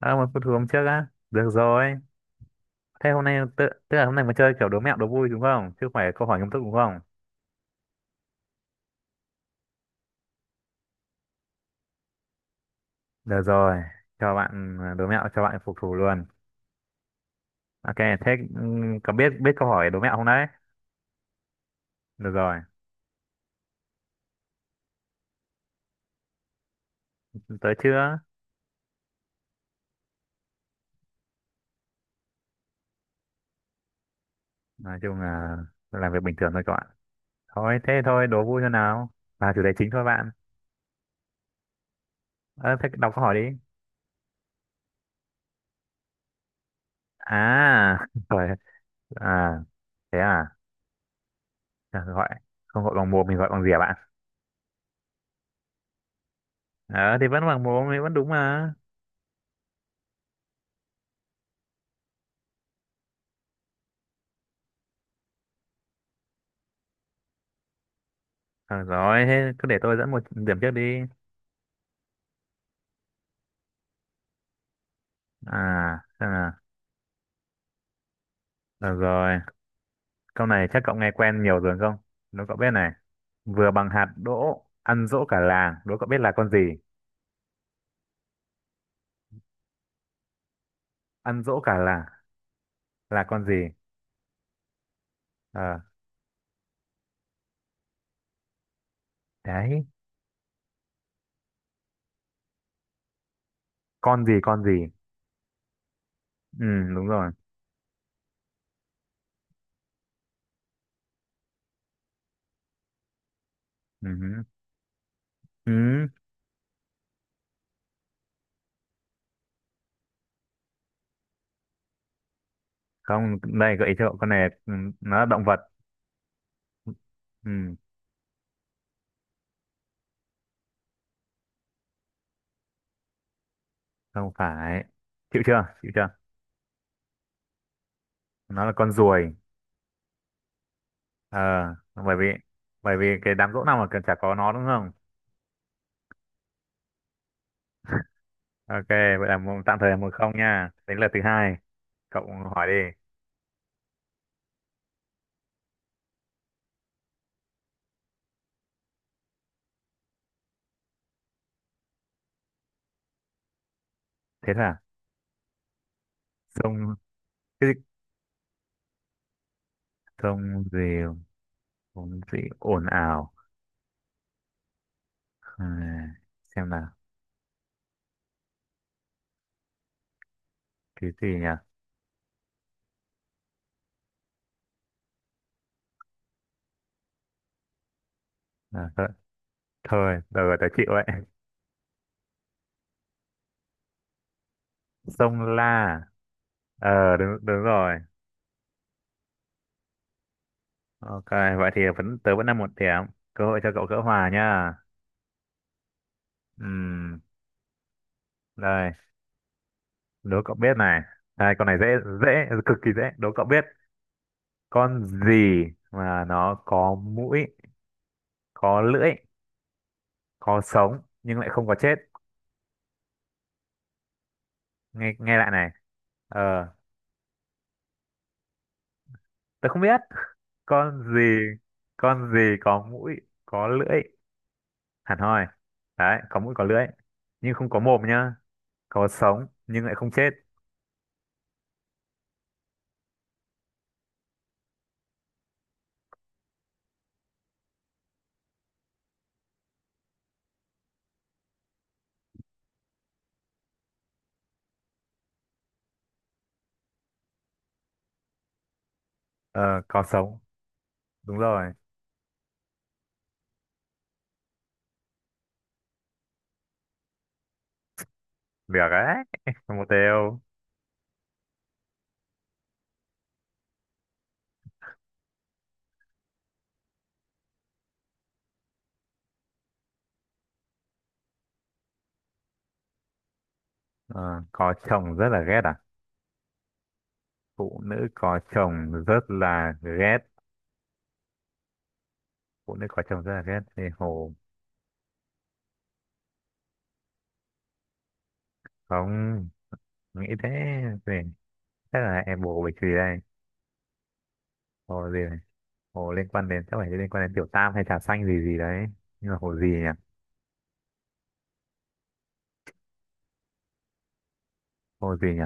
À, một phút hôm trước á, được rồi. Thế hôm nay tức là hôm nay mà chơi kiểu đố mẹo đố vui đúng không, chứ không phải câu hỏi nghiêm túc đúng không? Được rồi, cho bạn đố mẹo cho bạn phục thù luôn. Ok, thế có biết biết câu hỏi đố mẹo không đấy? Được rồi. Tới chưa. Nói chung là làm việc bình thường thôi các bạn. Thôi thế thôi, đố vui cho nào, và chủ đề chính thôi bạn. Ờ, thế đọc câu hỏi đi. À rồi. À, thế à, gọi, không gọi bằng mồm mình gọi bằng gì à bạn. Ờ thì vẫn bằng mồm thì vẫn đúng mà. Được rồi, thế cứ để tôi dẫn một điểm trước đi. À, xem nào. Được rồi, câu này chắc cậu nghe quen nhiều rồi không? Đố cậu biết này. Vừa bằng hạt đỗ, ăn dỗ cả làng. Đố cậu biết là con gì? Ăn dỗ cả làng là con gì? Ờ, đấy. Con gì, con gì? Ừ, đúng rồi. Ừ, hứ. Ừ. Không, đây gợi ý cho cậu. Con này nó là động vật. Ừ, không phải. Chịu chưa? Chịu chưa? Nó là con ruồi. Ờ, bởi vì bởi vì cái đám dỗ nào mà cần chả có nó đúng không? Ok, vậy là một, tạm thời là một không nha. Đến lượt thứ hai, cậu hỏi đi. Thế là sông cái gì- sông gì, sông gì ồn ào. À, xem nào, cái gì nhỉ? À, thôi, thôi, đời tớ chịu vậy. Sông La. Ờ, đúng đúng rồi. Ok, vậy thì vẫn tớ vẫn là một điểm. Cơ hội cho cậu gỡ hòa nha. Ừm, đây, đố cậu biết này. Đây, con này dễ dễ cực kỳ dễ. Đố cậu biết con gì mà nó có mũi, có lưỡi, có sống nhưng lại không có chết. Nghe nghe lại này. Ờ, tớ không biết. Con gì, con gì có mũi, có lưỡi hẳn hoi đấy, có mũi có lưỡi nhưng không có mồm nhá, có sống nhưng lại không chết. Ờ, có sống. Đúng rồi. Được đấy. Một đều. Ờ, có chồng rất là ghét à? Phụ nữ có chồng rất là ghét. Phụ nữ có chồng rất là ghét thì hồ. Không nghĩ thế thì chắc là em bồ bịch gì đây. Hồ gì này? Hồ liên quan đến, chắc phải liên quan đến tiểu tam hay trà xanh gì gì đấy. Nhưng mà hồ gì nhỉ? Hồ gì nhỉ?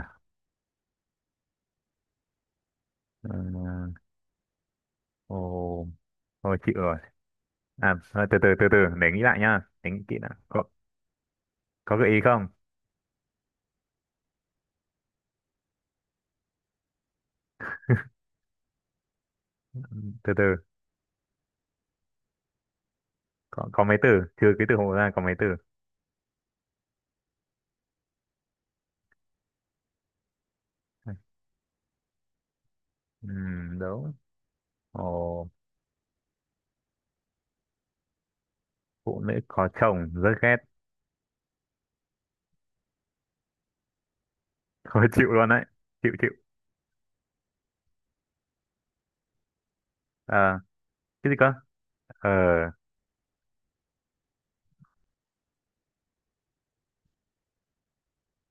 Ờ, hồ, hồ chịu rồi. À thôi, từ từ để nghĩ lại nhá. Tính kỹ đã. Có gợi ý không? Từ từ, có mấy từ, trừ cái từ hồ ra có mấy từ. Đúng. Hồ phụ nữ có chồng rất ghét. Thôi chịu luôn đấy. Chịu chịu. Ờ, cái gì cơ? Ờ,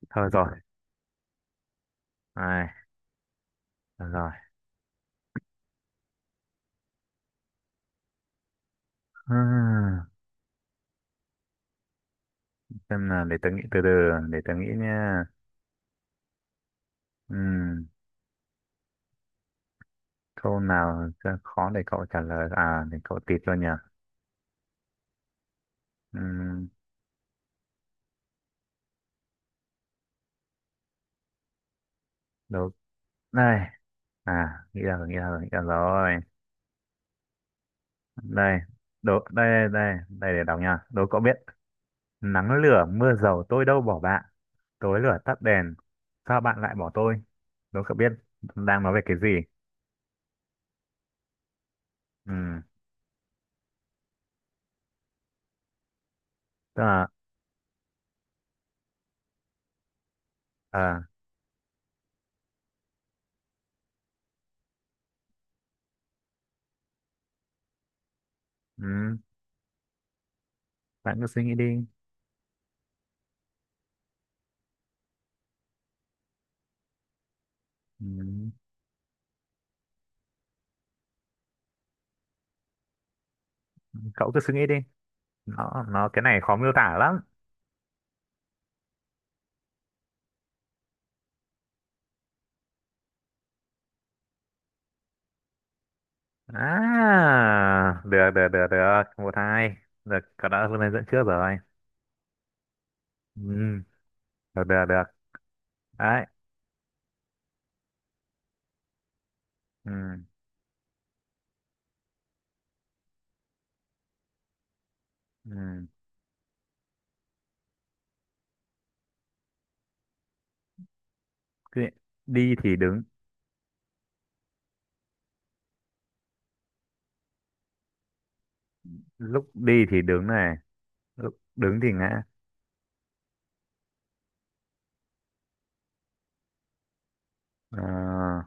thôi rồi. Ai, thôi rồi. Hmm, xem nào, để tớ nghĩ từ từ, để tớ nghĩ nha. Câu nào sẽ khó để cậu trả lời à, để cậu tịt luôn nhỉ. Ừm, đố, đây, à nghĩ ra rồi nghĩ ra rồi nghĩ ra rồi, đây, đố, đây đây đây để đọc nha. Đố cậu biết, nắng lửa mưa dầu tôi đâu bỏ bạn, tối lửa tắt đèn sao bạn lại bỏ tôi. Đố cậu biết đang nói về cái gì. Ừ, tức là, à, bạn cứ suy nghĩ đi. Ừm, cậu cứ suy nghĩ đi, nó cái này khó miêu tả lắm. À, được. Một, hai. Được, cậu đã lên dẫn trước rồi. Ừ, được. Đấy. Ừ, ừ. Cái- Đi thì đứng. Lúc đi thì đứng này. Lúc đứng thì ngã. Ờ,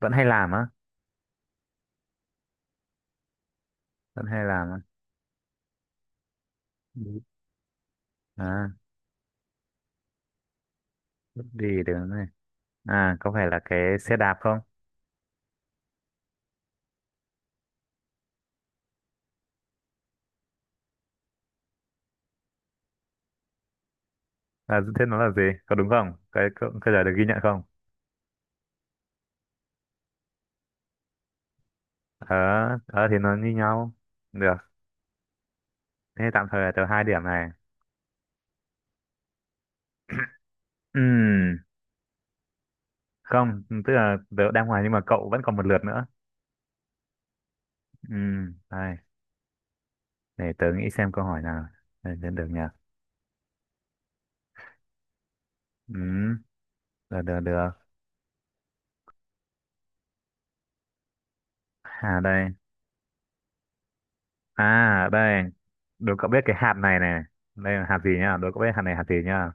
vẫn hay làm á. Vẫn hay làm á. Đúng. À, lúc đi thì đứng này. À, có phải là cái xe đạp không? À, thế nó là gì? Có đúng không? Cái câu câu trả lời được ghi nhận không? Ờ, ờ thì nó như nhau. Được. Thế tạm thời là tờ hai điểm này. Ừ. Không, tức là tớ đang ngoài nhưng mà cậu vẫn còn một lượt nữa. Ừ, đây, để tớ nghĩ xem câu hỏi nào. Đây, được, được nhỉ. Ừ, được được được. À đây, à đây. Đố cậu biết cái hạt này này. Đây là hạt gì nhá, đố cậu biết hạt này hạt gì nhá.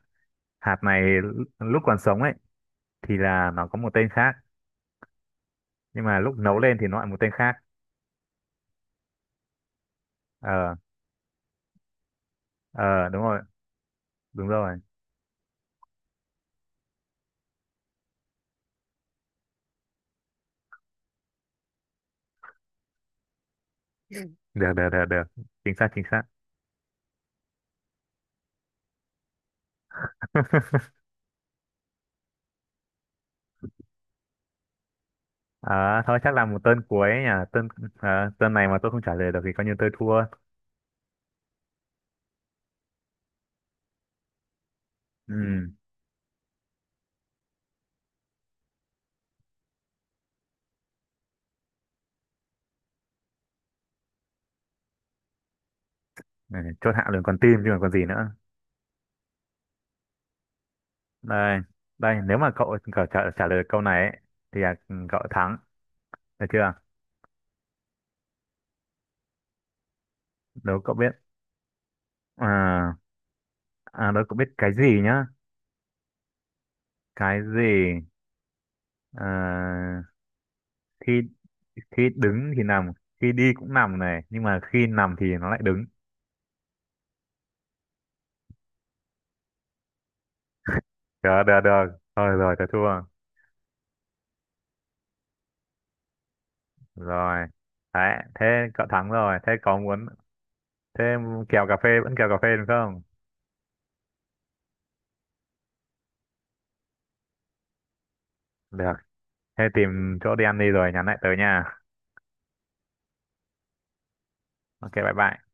Hạt này lúc còn sống ấy thì là nó có một tên khác, nhưng mà lúc nấu lên thì nó lại một tên khác. Ờ. Ờ đúng rồi. Đúng rồi. Được được được được. Chính xác, chính xác. Ờ, thôi chắc là một tên cuối nhỉ, tên, ờ, tên này mà tôi không trả lời được thì coi như tôi thua. Ừ. Ừ, chốt hạ luôn, còn tim chứ còn còn gì nữa. Đây, đây, nếu mà cậu trả lời được câu này ấy, thì là cậu thắng, được chưa? Nếu cậu biết, à, à nếu cậu biết cái gì nhá. Cái gì, ờ, khi, khi đứng thì nằm, khi đi cũng nằm này, nhưng mà khi nằm thì nó lại đứng. Được được được. Thôi rồi, tôi thua. Rồi đấy, thế cậu thắng rồi, thế có muốn. Thế em kèo cà phê vẫn kèo cà phê đúng không? Được. Thế tìm chỗ đi ăn đi rồi nhắn lại tới nha. Ok, bye bye.